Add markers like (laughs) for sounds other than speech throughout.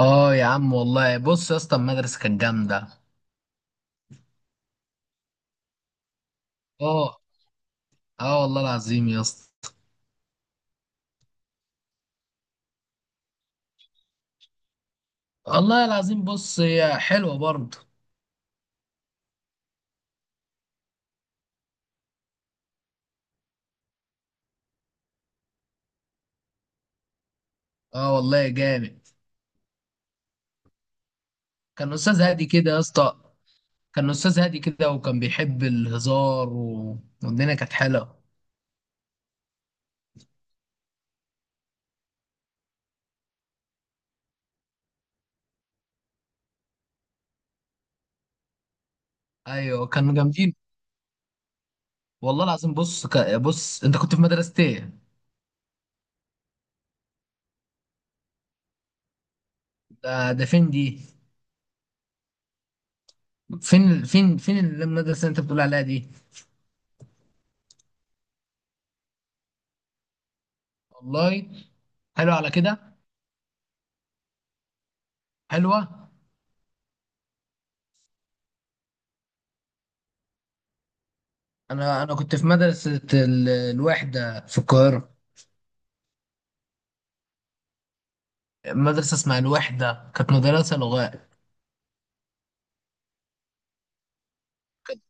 اه يا عم والله، بص يا اسطى، المدرسه كانت جامده. اه. اه والله العظيم يا اسطى. والله العظيم، بص هي حلوه برضه. اه والله جامد. كان استاذ هادي كده يا اسطى. كان استاذ هادي كده وكان بيحب الهزار والدنيا كانت حلوه. ايوه كانوا جامدين. والله العظيم، بص بص انت كنت في مدرسه ايه؟ ده فين دي؟ فين المدرسه اللي انت بتقول عليها دي؟ والله. حلوه على كده. حلوه. انا كنت في مدرسه الوحده في القاهره. مدرسه اسمها الوحده، كانت مدرسه لغات. كنت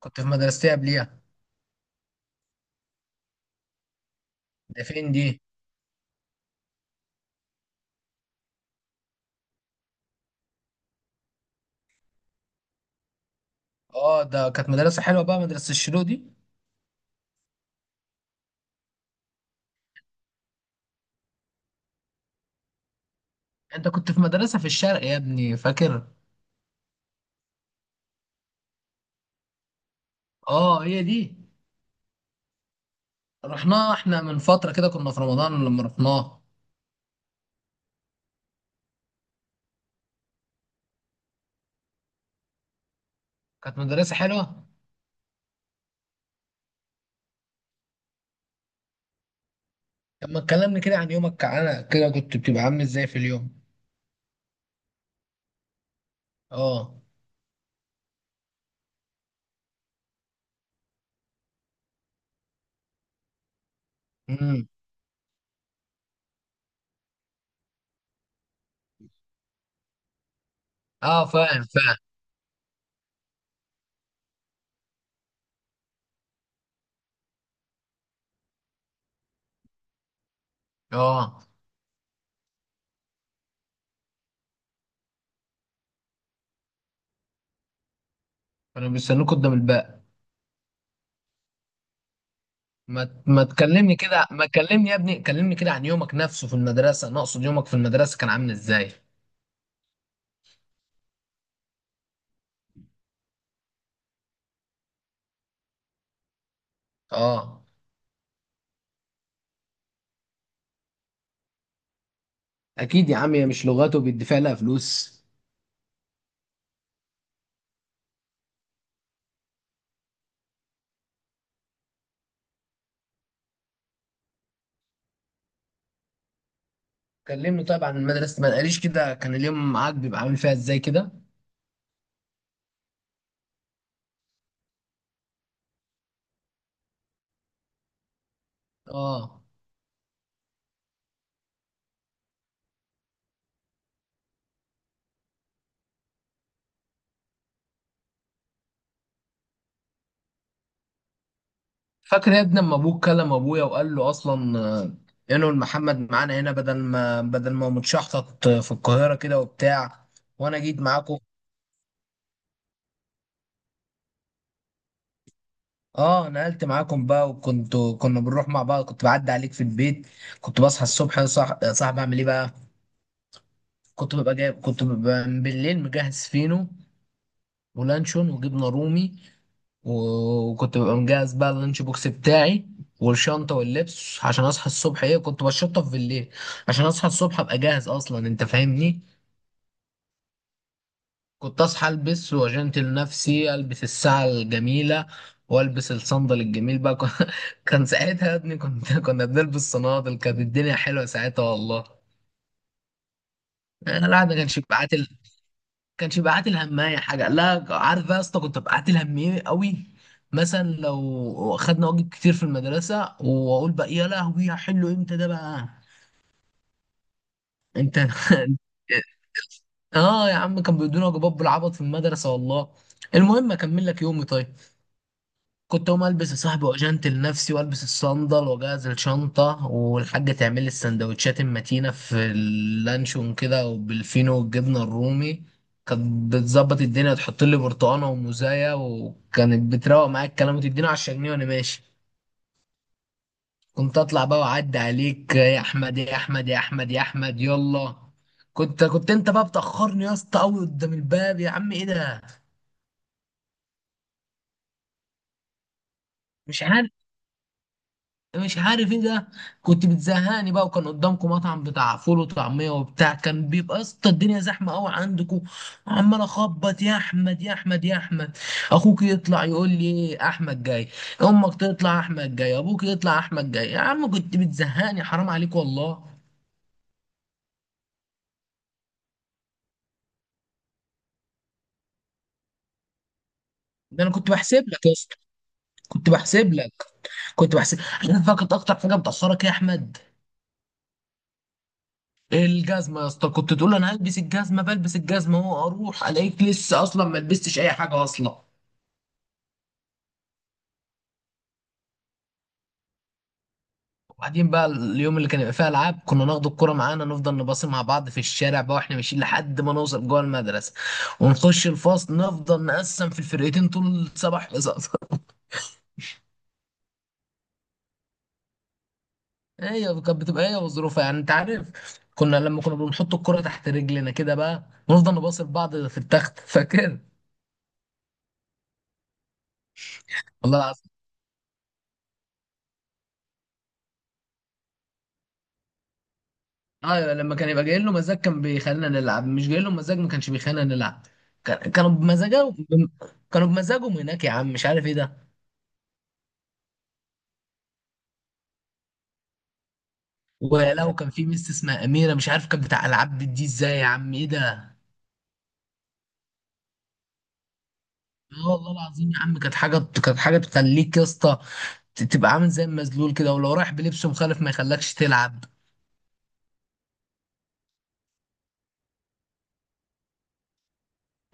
كنت في مدرستي قبليها. ده فين دي؟ اه، ده كانت مدرسه حلوه بقى مدرسه الشلو دي. انت كنت في مدرسه في الشرق يا ابني، فاكر؟ اه هي دي. رحناها احنا من فتره كده، كنا في رمضان لما رحناها. كانت مدرسه حلوه. طب ما تكلمني كده عن يومك؟ كعنا كده كنت بتبقى عامل ازاي في اليوم؟ اه. امم. اه، فاهم فاهم. اه. كانوا بيستنوك قدام الباب. ما تكلمني كده، ما تكلمني يا ابني، كلمني كده عن يومك نفسه في المدرسة، انا اقصد يومك في المدرسة كان عامل ازاي؟ اه، اكيد يا عم هي مش لغاته بيدفع لها فلوس. كلمني طيب عن المدرسة، ما قاليش كده كان اليوم معاك بيبقى عامل فيها ازاي كده. اه. فاكر يا ابني لما ابوك كلم ابويا وقال له اصلا، انه محمد معانا هنا بدل ما متشحطط في القاهرة كده وبتاع. وانا جيت معاكم. اه، نقلت معاكم بقى وكنت. كنا بنروح مع بعض، كنت بعدي عليك في البيت. كنت بصحى الصبح صح صاحب، اعمل ايه بقى؟ كنت ببقى بالليل مجهز فينو ولانشون وجبنه رومي. وكنت ببقى مجهز بقى اللانش بوكس بتاعي والشنطه واللبس عشان اصحى الصبح. ايه، كنت بشطف بالليل عشان اصحى الصبح ابقى جاهز اصلا، انت فاهمني. كنت اصحى، البس واجنتل نفسي، البس الساعه الجميله والبس الصندل الجميل بقى. (laughs) كان ساعتها يا ابني، كنا بنلبس صنادل، كانت الدنيا حلوه ساعتها والله. انا الواحد ما كانش بيبعت كانش بيبعت الهمايه حاجه، لا عارف بقى يا اسطى كنت ببعت الهمية قوي. مثلا لو خدنا واجب كتير في المدرسه واقول بقى يا لهوي هحله امتى ده بقى. انت (laughs) اه يا عم، كان بيدونا واجبات بالعبط في المدرسه والله. المهم اكمل لك يومي طيب. كنت اقوم البس يا صاحبي واجنتل لنفسي والبس الصندل واجهز الشنطه، والحاجه تعمل لي السندوتشات المتينه في اللانشون كده وبالفينو والجبنه الرومي. كانت بتظبط الدنيا، تحط لي برتقانه وموزايه، وكانت بتروق معايا الكلام وتديني 10 جنيه وانا ماشي. كنت اطلع بقى واعدي عليك، يا احمد يا احمد يا احمد يا احمد يلا. كنت انت بقى بتاخرني يا اسطى قوي قدام الباب، يا عم ايه ده؟ مش عارف. مش عارف ايه ده. كنت بتزهقني بقى، وكان قدامكم مطعم بتاع فول وطعميه وبتاع، كان بيبقى يا اسطى الدنيا زحمه قوي عندكم. عمال اخبط، يا احمد يا احمد يا احمد. اخوك يطلع يقول لي ايه، احمد جاي. امك تطلع احمد جاي، ابوك يطلع احمد جاي. يا عم كنت بتزهقني، حرام عليك والله. ده انا كنت بحسب لك يا اسطى. كنت بحسب لك. كنت بحسب. عارف بقى كانت اكتر حاجه بتاخرك إيه يا احمد؟ الجزمه يا اسطى. كنت تقول انا هلبس الجزمه، بلبس الجزمه، هو اروح الاقيك لسه اصلا ما لبستش اي حاجه اصلا. وبعدين بقى اليوم اللي كان يبقى فيه العاب، كنا ناخد الكرة معانا، نفضل نباصي مع بعض في الشارع بقى واحنا ماشيين لحد ما نوصل جوه المدرسة. ونخش الفصل، نفضل نقسم في الفرقتين طول سبع حصص. (laughs) هي كانت بتبقى هي وظروفها، يعني انت عارف. لما كنا بنحط الكرة تحت رجلنا كده بقى، ونفضل نباصي لبعض في التخت. (laughs) فاكر؟ والله العظيم. ايوه، لما كان يبقى جاي له مزاج كان بيخلينا نلعب، مش جاي له مزاج ما كانش بيخلينا نلعب. كانوا بمزاجهم. كانوا بمزاجهم هناك يا عم، مش عارف ايه ده. ولو كان في ميس اسمها اميره، مش عارف كانت بتاع العاب دي ازاي يا عم ايه ده. اه والله العظيم يا عم، كانت حاجه. كانت حاجه تخليك يا اسطى تبقى عامل زي المزلول كده، ولو رايح بلبس مخالف ما يخلكش تلعب.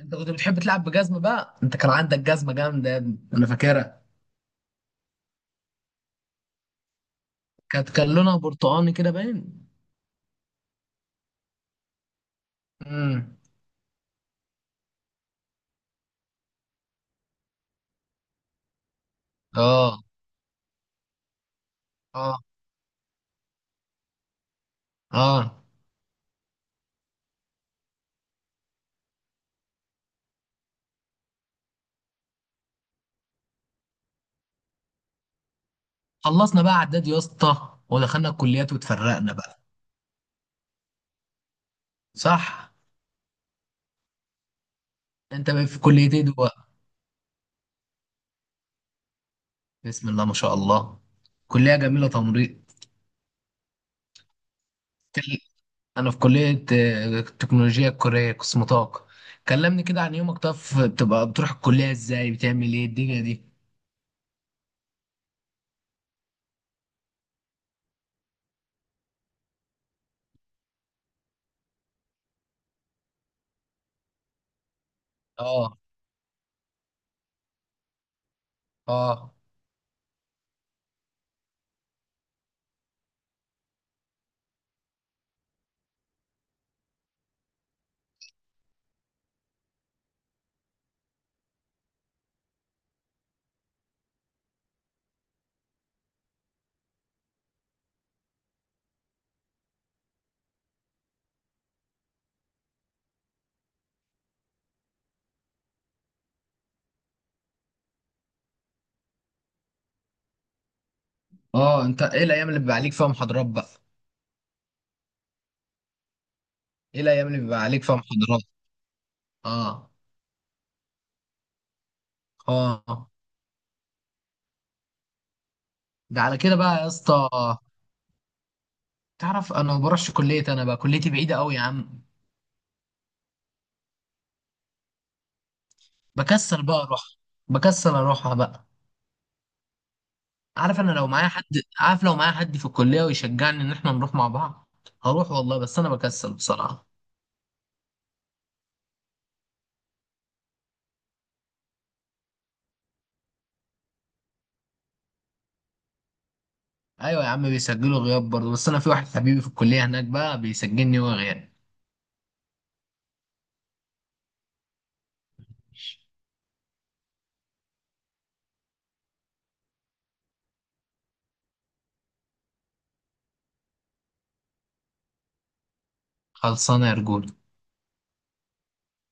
انت كنت بتحب تلعب بجزمه بقى، انت كان عندك جزمه جامده يا ابني، انا فاكرها. كان لونها برتقاني كده باين. امم. اه. اه. اه. خلصنا بقى اعداد يا اسطى، ودخلنا الكليات واتفرقنا بقى. صح. انت بقى في كليه ايه دلوقتي؟ بسم الله ما شاء الله، كليه جميله تمريض. كل- انا في كلية، التكنولوجيا الكورية قسم طاقة. كلمني كده عن يومك، طب بتبقى بتروح الكلية ازاي؟ بتعمل ايه الدنيا دي؟ اه. اه. اه. انت ايه الايام اللي بيبقى عليك فيها محاضرات بقى؟ ايه الايام اللي بيبقى عليك فيها محاضرات؟ اه. اه. آه. ده على كده بقى يا اسطى. تعرف انا ما بروحش كلية، انا بقى كليتي بعيدة قوي يا عم. بكسل بقى اروح. بكسل اروحها بقى. عارف انا لو معايا حد. عارف لو معايا حد في الكلية ويشجعني ان احنا نروح مع بعض، هروح والله، بس انا بكسل بصراحة. ايوه يا عم، بيسجلوا غياب برضه، بس انا في واحد حبيبي في الكليه هناك بقى بيسجلني وهو غياب. خلصانه يا رجولة.